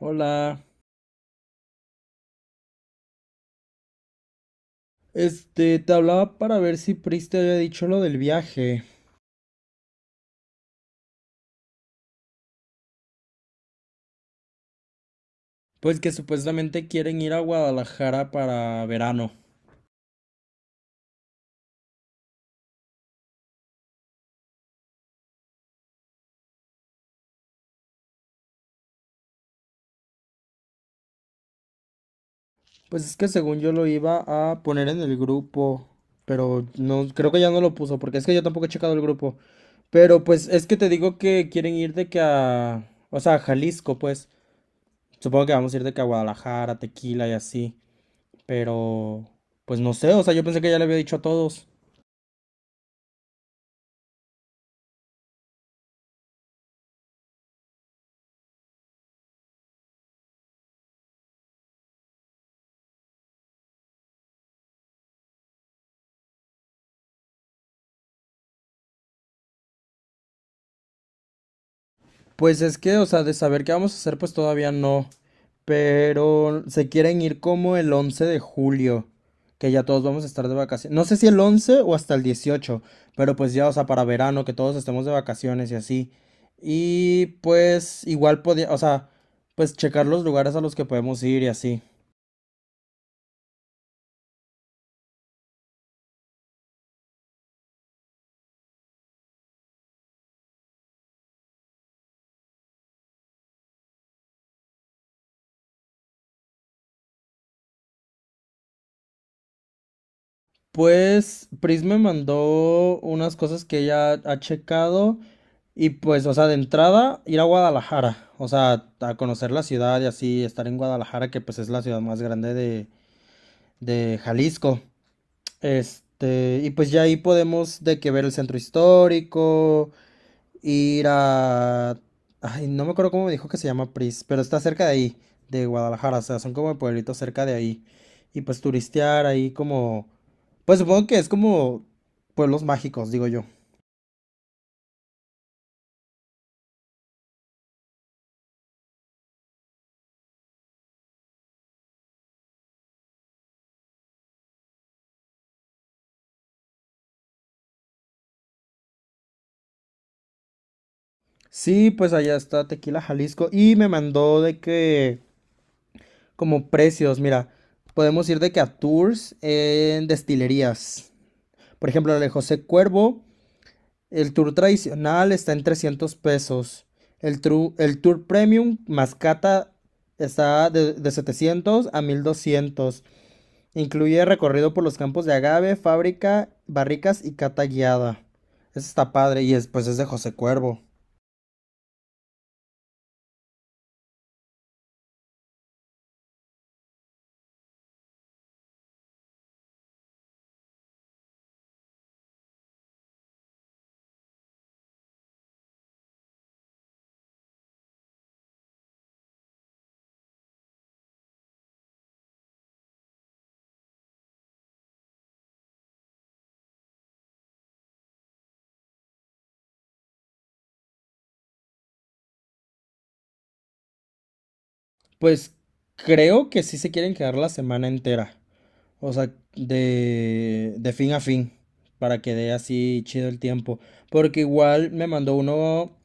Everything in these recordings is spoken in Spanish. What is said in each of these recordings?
Hola, te hablaba para ver si Pris te había dicho lo del viaje. Pues que supuestamente quieren ir a Guadalajara para verano. Pues es que según yo lo iba a poner en el grupo, pero no, creo que ya no lo puso, porque es que yo tampoco he checado el grupo. Pero pues es que te digo que quieren ir de que o sea, a Jalisco, pues. Supongo que vamos a ir de que a Guadalajara, Tequila y así. Pero, pues no sé, o sea, yo pensé que ya le había dicho a todos. Pues es que, o sea, de saber qué vamos a hacer, pues todavía no. Pero se quieren ir como el 11 de julio, que ya todos vamos a estar de vacaciones. No sé si el 11 o hasta el 18, pero pues ya, o sea, para verano, que todos estemos de vacaciones y así. Y pues igual podía, o sea, pues checar los lugares a los que podemos ir y así. Pues Pris me mandó unas cosas que ella ha checado y pues, o sea, de entrada ir a Guadalajara, o sea, a conocer la ciudad y así estar en Guadalajara, que pues es la ciudad más grande de Jalisco. Y pues ya ahí podemos de que ver el centro histórico, ir a... Ay, no me acuerdo cómo me dijo que se llama Pris, pero está cerca de ahí, de Guadalajara, o sea, son como pueblitos cerca de ahí. Y pues turistear ahí como pues supongo que es como pueblos mágicos, digo yo. Sí, pues allá está Tequila Jalisco y me mandó de que como precios, mira, podemos ir de que a tours en destilerías. Por ejemplo, el de José Cuervo, el tour tradicional está en 300 pesos. El tour premium Mascata está de 700 a 1,200. Incluye recorrido por los campos de agave, fábrica, barricas y cata guiada. Eso está padre y es, pues es de José Cuervo. Pues creo que sí se quieren quedar la semana entera. O sea, de fin a fin. Para que dé así chido el tiempo. Porque igual me mandó uno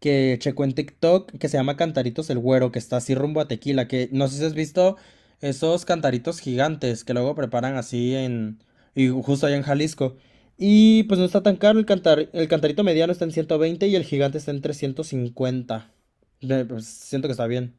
que checó en TikTok que se llama Cantaritos el Güero, que está así rumbo a Tequila, que no sé si has visto esos cantaritos gigantes que luego preparan así en, y justo allá en Jalisco. Y pues no está tan caro, el cantarito mediano está en 120 y el gigante está en 350. Pues, siento que está bien.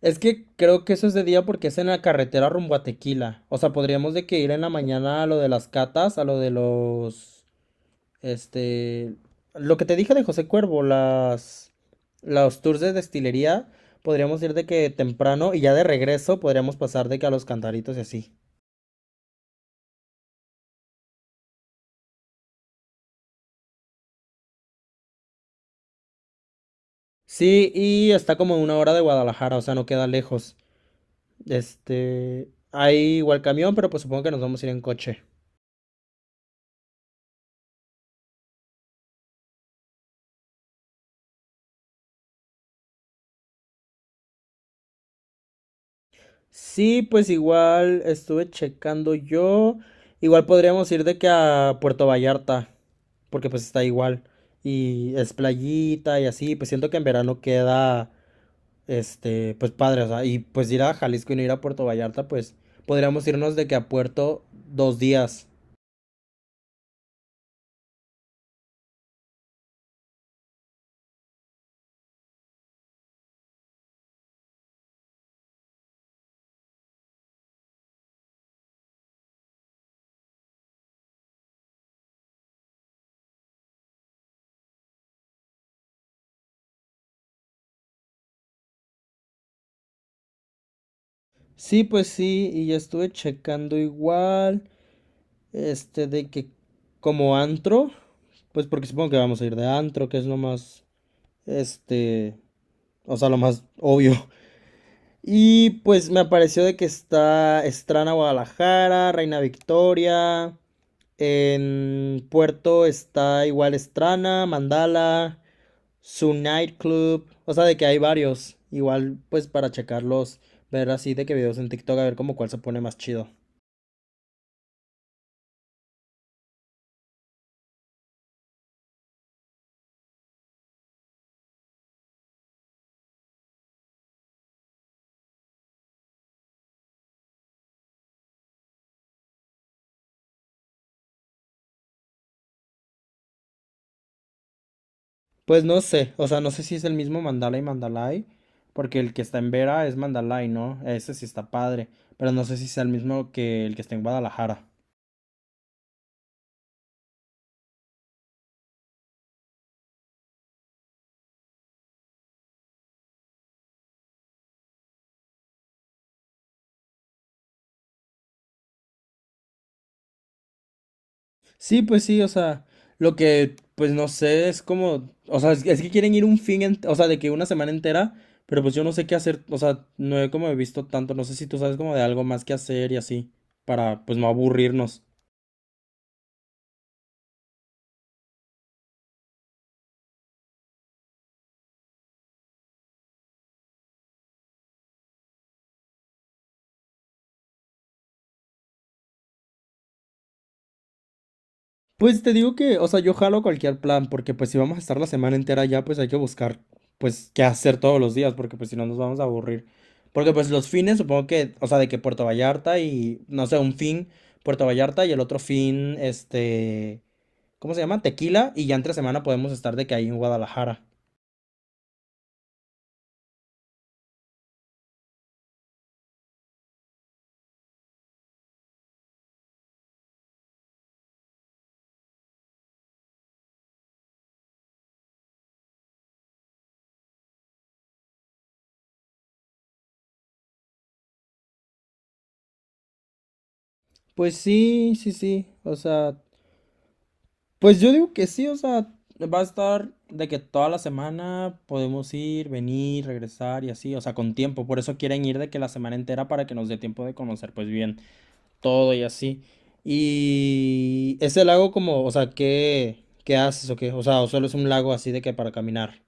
Es que creo que eso es de día porque es en la carretera rumbo a Tequila. O sea, podríamos de que ir en la mañana a lo de las catas, a lo de los... Este, lo que te dije de José Cuervo, las, los tours de destilería, podríamos ir de que temprano y ya de regreso podríamos pasar de que a los cantaritos y así. Sí, y está como a una hora de Guadalajara, o sea, no queda lejos. Hay igual camión, pero pues supongo que nos vamos a ir en coche. Sí, pues igual estuve checando yo. Igual podríamos ir de que a Puerto Vallarta, porque pues está igual. Y es playita y así, pues siento que en verano queda. Pues padre, o sea, y pues ir a Jalisco y no ir a Puerto Vallarta, pues podríamos irnos de que a Puerto 2 días. Sí, pues sí, y ya estuve checando igual, de que como antro, pues porque supongo que vamos a ir de antro, que es lo más, este, o sea, lo más obvio. Y pues me apareció de que está Estrana Guadalajara, Reina Victoria, en Puerto está igual Estrana, Mandala, Su nightclub. O sea, de que hay varios. Igual, pues para checarlos, ver así de que videos en TikTok, a ver como cuál se pone más chido. Pues no sé, o sea, no sé si es el mismo Mandalay Mandalay, porque el que está en Vera es Mandalay, ¿no? Ese sí está padre, pero no sé si sea el mismo que el que está en Guadalajara. Sí, pues sí, o sea, lo que, pues no sé, es como, o sea, es que quieren ir un fin, o sea, de que una semana entera, pero pues yo no sé qué hacer, o sea, no he como visto tanto, no sé si tú sabes como de algo más que hacer y así, para pues no aburrirnos. Pues te digo que, o sea, yo jalo cualquier plan, porque pues si vamos a estar la semana entera allá pues hay que buscar, pues, qué hacer todos los días, porque pues si no nos vamos a aburrir. Porque pues los fines, supongo que, o sea, de que Puerto Vallarta y, no sé, un fin Puerto Vallarta y el otro fin, ¿cómo se llama? Tequila, y ya entre semana podemos estar de que ahí en Guadalajara. Pues sí, sí, sí, o sea, pues yo digo que sí, o sea, va a estar de que toda la semana podemos ir, venir, regresar y así, o sea, con tiempo, por eso quieren ir de que la semana entera para que nos dé tiempo de conocer pues bien todo y así. Y ese lago como, o sea, ¿qué haces o qué? O sea, o solo es un lago así de que para caminar.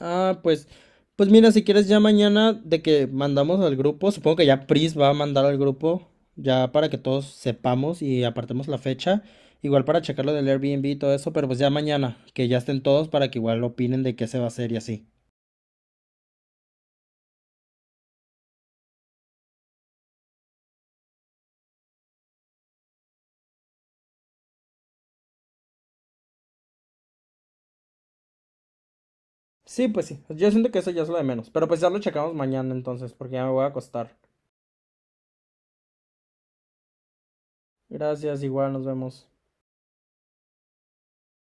Ah, pues, pues mira, si quieres ya mañana de que mandamos al grupo, supongo que ya Pris va a mandar al grupo, ya para que todos sepamos y apartemos la fecha, igual para checar lo del Airbnb y todo eso, pero pues ya mañana, que ya estén todos para que igual opinen de qué se va a hacer y así. Sí, pues sí, yo siento que eso ya es lo de menos, pero pues ya lo checamos mañana entonces, porque ya me voy a acostar. Gracias, igual nos vemos.